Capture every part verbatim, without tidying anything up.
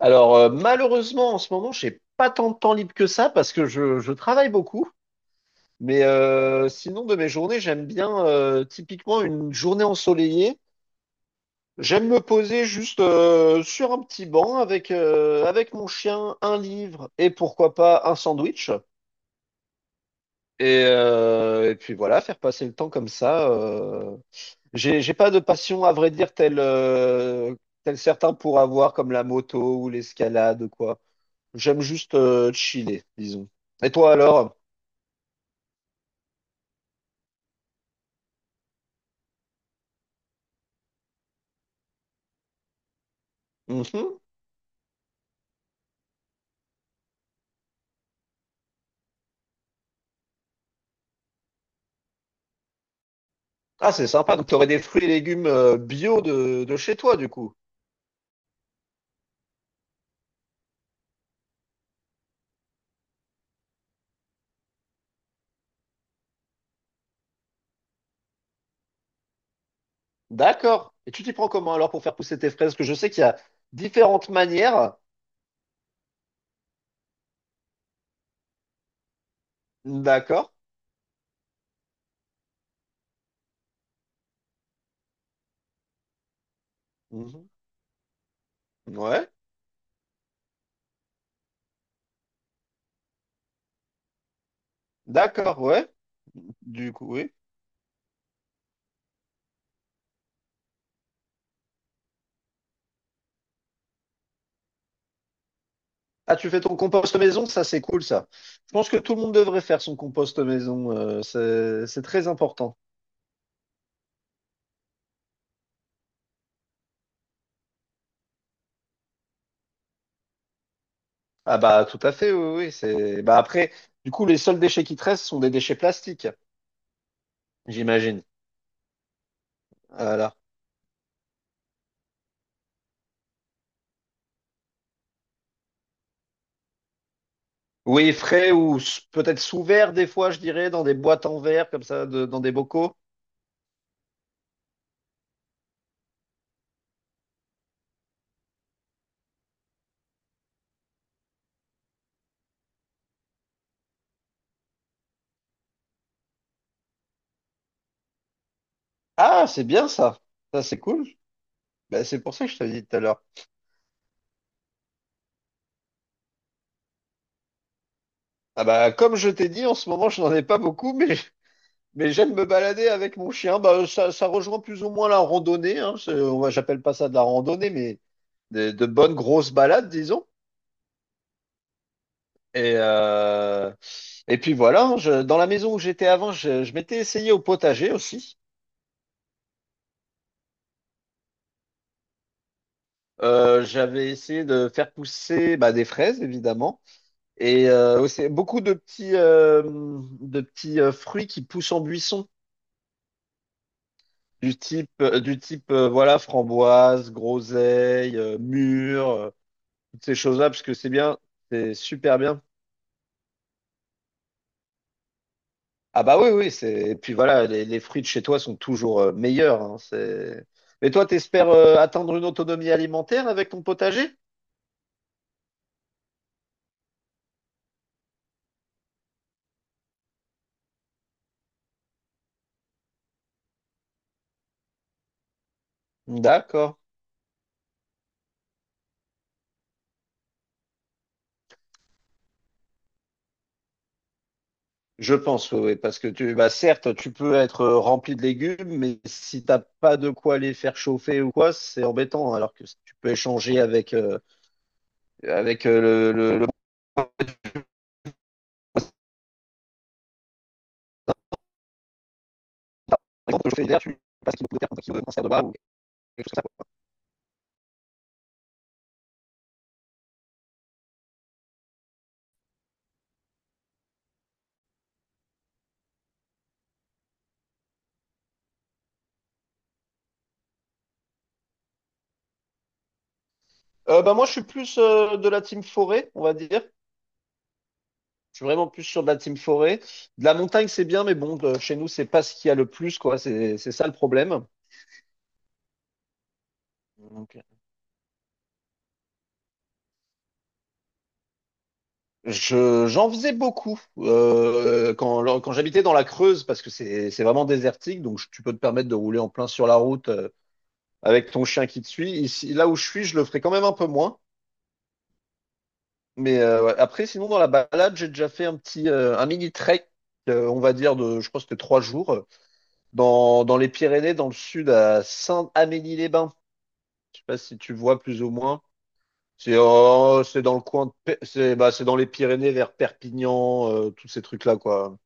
Alors, euh, malheureusement, en ce moment, j'ai pas tant de temps libre que ça parce que je, je travaille beaucoup. Mais euh, sinon, de mes journées, j'aime bien euh, typiquement une journée ensoleillée. J'aime me poser juste euh, sur un petit banc avec, euh, avec mon chien, un livre et pourquoi pas un sandwich. Et, euh, et puis voilà, faire passer le temps comme ça. euh, J'ai j'ai pas de passion, à vrai dire, telle, euh, telle certains pour avoir, comme la moto ou l'escalade ou quoi. J'aime juste euh, chiller, disons. Et toi alors? Mhm. Ah, c'est sympa. Donc, t'aurais des fruits et légumes euh, bio de, de chez toi, du coup. D'accord. Et tu t'y prends comment alors pour faire pousser tes fraises? Parce que je sais qu'il y a différentes manières. D'accord. Mhm. Ouais. D'accord, ouais. Du coup, oui. Ah, tu fais ton compost maison, ça c'est cool ça. Je pense que tout le monde devrait faire son compost maison, euh, c'est c'est très important. Ah bah tout à fait, oui, oui. C'est bah après, du coup, les seuls déchets qui te restent sont des déchets plastiques, j'imagine. Voilà. Oui, frais ou s- peut-être sous verre des fois, je dirais, dans des boîtes en verre comme ça, de- dans des bocaux. Ah, c'est bien ça. Ça c'est cool. Bah, c'est pour ça que je te l'ai dit tout à l'heure. Ah bah comme je t'ai dit, en ce moment, je n'en ai pas beaucoup, mais Mais j'aime me balader avec mon chien. Bah, ça, ça rejoint plus ou moins la randonnée. Hein. C'est- moi, j'appelle pas ça de la randonnée, mais de, de bonnes grosses balades, disons. Et, euh, et puis voilà, hein, je- dans la maison où j'étais avant, je, je m'étais essayé au potager aussi. Euh, j'avais essayé de faire pousser bah, des fraises, évidemment, et euh, aussi beaucoup de petits, euh, de petits euh, fruits qui poussent en buisson, du type, du type euh, voilà, framboise, groseille, euh, mûre. Euh, toutes ces choses-là, parce que c'est bien, c'est super bien. Ah bah oui, oui, c'est. Et puis voilà, les, les fruits de chez toi sont toujours euh, meilleurs. Hein, c'est... Mais toi, t'espères euh, atteindre une autonomie alimentaire avec ton potager? D'accord. Je pense, oui, oui, parce que tu, bah certes, tu peux être euh, rempli de légumes, mais si t'as pas de quoi les faire chauffer ou quoi, c'est embêtant. Alors que si tu peux échanger avec euh, avec euh, le le, le moment de chauffer tu passes un kilo de terre, un kilo de cancer de bas ou quelque chose comme ça, quoi. Euh, bah moi, je suis plus euh, de la team forêt, on va dire. Je suis vraiment plus sur de la team forêt. De la montagne, c'est bien, mais bon, de- chez nous, c'est pas ce qu'il y a le plus, quoi. C'est c'est ça le problème. Donc, je, j'en faisais beaucoup euh, quand, quand j'habitais dans la Creuse, parce que c'est c'est vraiment désertique, donc je- tu peux te permettre de rouler en plein sur la route euh, avec ton chien qui te suit. Ici, là où je suis, je le ferai quand même un peu moins. Mais euh, ouais. Après, sinon, dans la balade, j'ai déjà fait un petit, euh, un mini trek, euh, on va dire de, je crois que c'était trois jours, dans, dans les Pyrénées, dans le sud, à Saint-Amélie-les-Bains. Je sais pas si tu vois plus ou moins. C'est oh, c'est dans le coin de Pe- c'est bah, c'est dans les Pyrénées vers Perpignan, euh, tous ces trucs-là, quoi.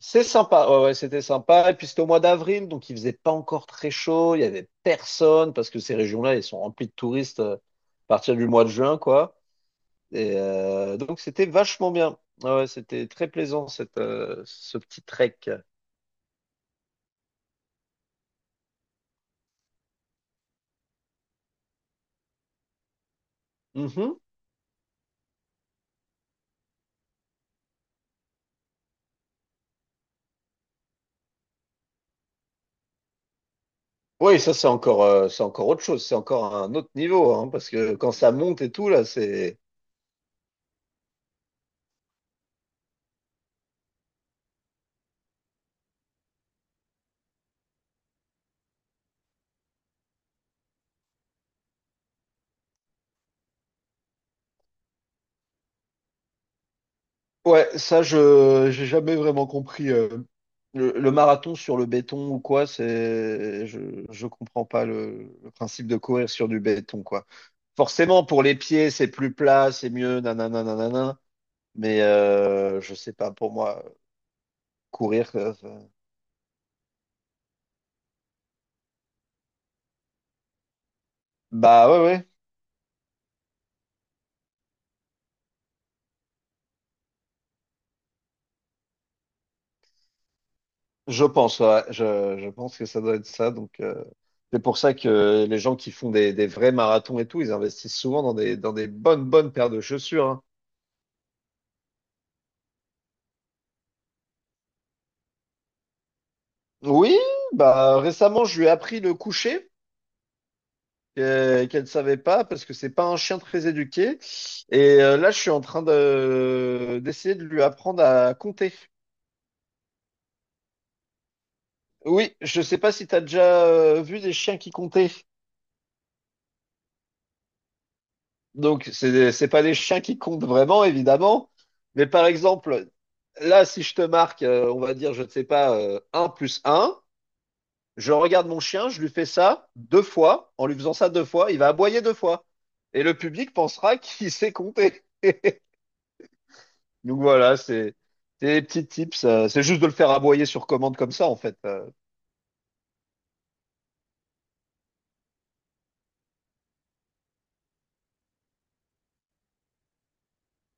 C'est sympa, ouais, ouais, c'était sympa. Et puis c'était au mois d'avril, donc il faisait pas encore très chaud, il y avait personne, parce que ces régions-là, elles sont remplies de touristes euh, à partir du mois de juin, quoi. Et euh, donc c'était vachement bien. Ouais, ouais, c'était très plaisant cette, euh, ce petit trek. Mhm. Oui, ça c'est encore, euh, c'est encore autre chose, c'est encore un autre niveau, hein, parce que quand ça monte et tout, là, c'est ouais, ça, je j'ai jamais vraiment compris. euh, le, le marathon sur le béton ou quoi, c'est je je comprends pas le, le principe de courir sur du béton quoi. Forcément, pour les pieds, c'est plus plat, c'est mieux, nanana, nanana. Mais euh, je sais pas, pour moi, courir, euh, ça- bah ouais ouais, je pense, ouais, je je pense que ça doit être ça. Donc euh, c'est pour ça que les gens qui font des des vrais marathons et tout, ils investissent souvent dans des dans des bonnes bonnes paires de chaussures. Hein. Oui, bah récemment je lui ai appris le coucher euh, qu'elle ne savait pas parce que c'est pas un chien très éduqué. Et euh, là je suis en train de d'essayer de lui apprendre à compter. Oui, je sais pas si tu as déjà euh, vu des chiens qui comptaient. Donc c'est c'est pas des chiens qui comptent vraiment évidemment, mais par exemple là si je te marque euh, on va dire je ne sais pas euh, un plus un. Je regarde mon chien, je lui fais ça deux fois. En lui faisant ça deux fois, il va aboyer deux fois. Et le public pensera qu'il sait compter. Donc voilà, c'est c'est des petits tips. euh, C'est juste de le faire aboyer sur commande comme ça, en fait. euh.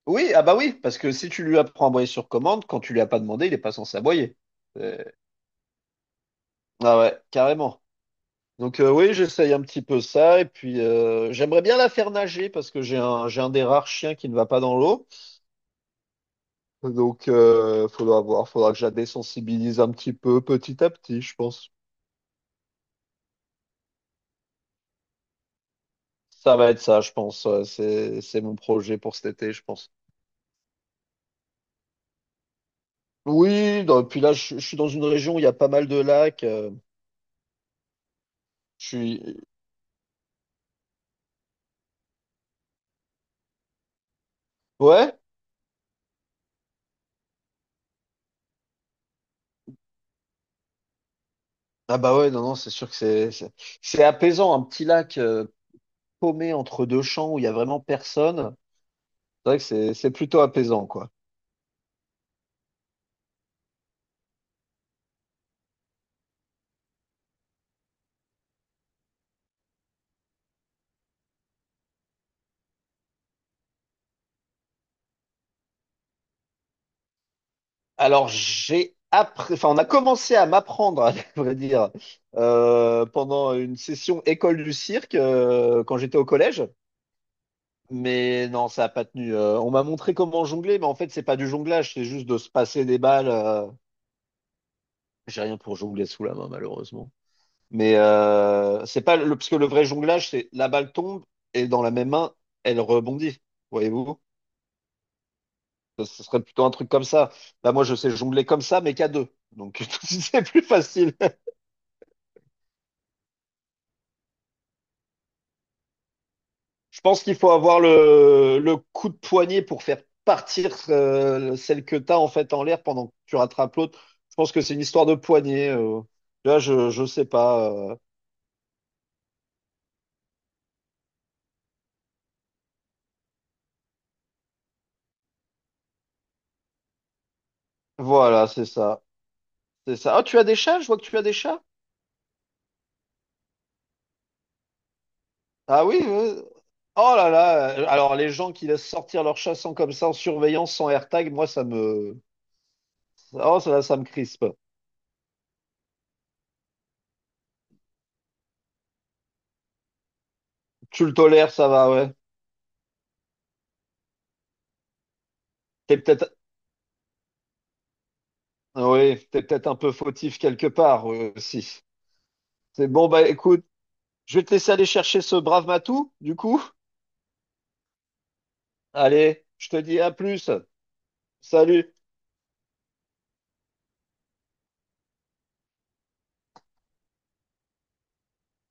Oui, ah bah oui, parce que si tu lui apprends à aboyer sur commande, quand tu lui as pas demandé, il est pas censé aboyer. C'est- ah ouais, carrément. Donc euh, oui, j'essaye un petit peu ça. Et puis euh, j'aimerais bien la faire nager parce que j'ai un, j'ai un des rares chiens qui ne va pas dans l'eau. Donc, euh, faudra voir, faudra que je la désensibilise un petit peu, petit à petit, je pense. Ça va être ça, je pense. euh, C'est, c'est mon projet pour cet été, je pense. Oui, non, et puis là, je, je suis dans une région où il y a pas mal de lacs. euh, Je suis. Ouais? Ah bah ouais, non, non, c'est sûr que c'est, c'est c'est apaisant, un petit lac euh, paumé entre deux champs où il y a vraiment personne. C'est vrai que c'est, c'est plutôt apaisant, quoi. Alors, j'ai appris, enfin, on a commencé à m'apprendre, à vrai dire, euh, pendant une session école du cirque euh, quand j'étais au collège. Mais non, ça n'a pas tenu. Euh, on m'a montré comment jongler, mais en fait, c'est pas du jonglage, c'est juste de se passer des balles. euh. J'ai rien pour jongler sous la main, malheureusement. Mais euh, c'est pas le, parce que le vrai jonglage, c'est la balle tombe et dans la même main, elle rebondit. Voyez-vous? Ce ce serait plutôt un truc comme ça. Là, moi, je sais jongler comme ça, mais qu'à deux. Donc, c'est plus facile. Je pense qu'il faut avoir le, le coup de poignet pour faire partir euh, celle que tu as en fait en l'air pendant que tu rattrapes l'autre. Je pense que c'est une histoire de poignet. euh. Là, je, je sais pas. euh. Voilà, c'est ça. C'est ça. Ah, tu as des chats? Je vois que tu as des chats. Ah oui. euh. Oh là là. euh, Alors, les gens qui laissent sortir leurs chats sans comme ça, en surveillance, sans AirTag, moi, ça me. Oh, ça, ça me crispe. Tu le tolères, ça va, ouais. T'es peut-être. Oui, t'es peut-être un peu fautif quelque part, euh, aussi. C'est bon, bah écoute. Je vais te laisser aller chercher ce brave Matou, du coup. Allez, je te dis à plus. Salut.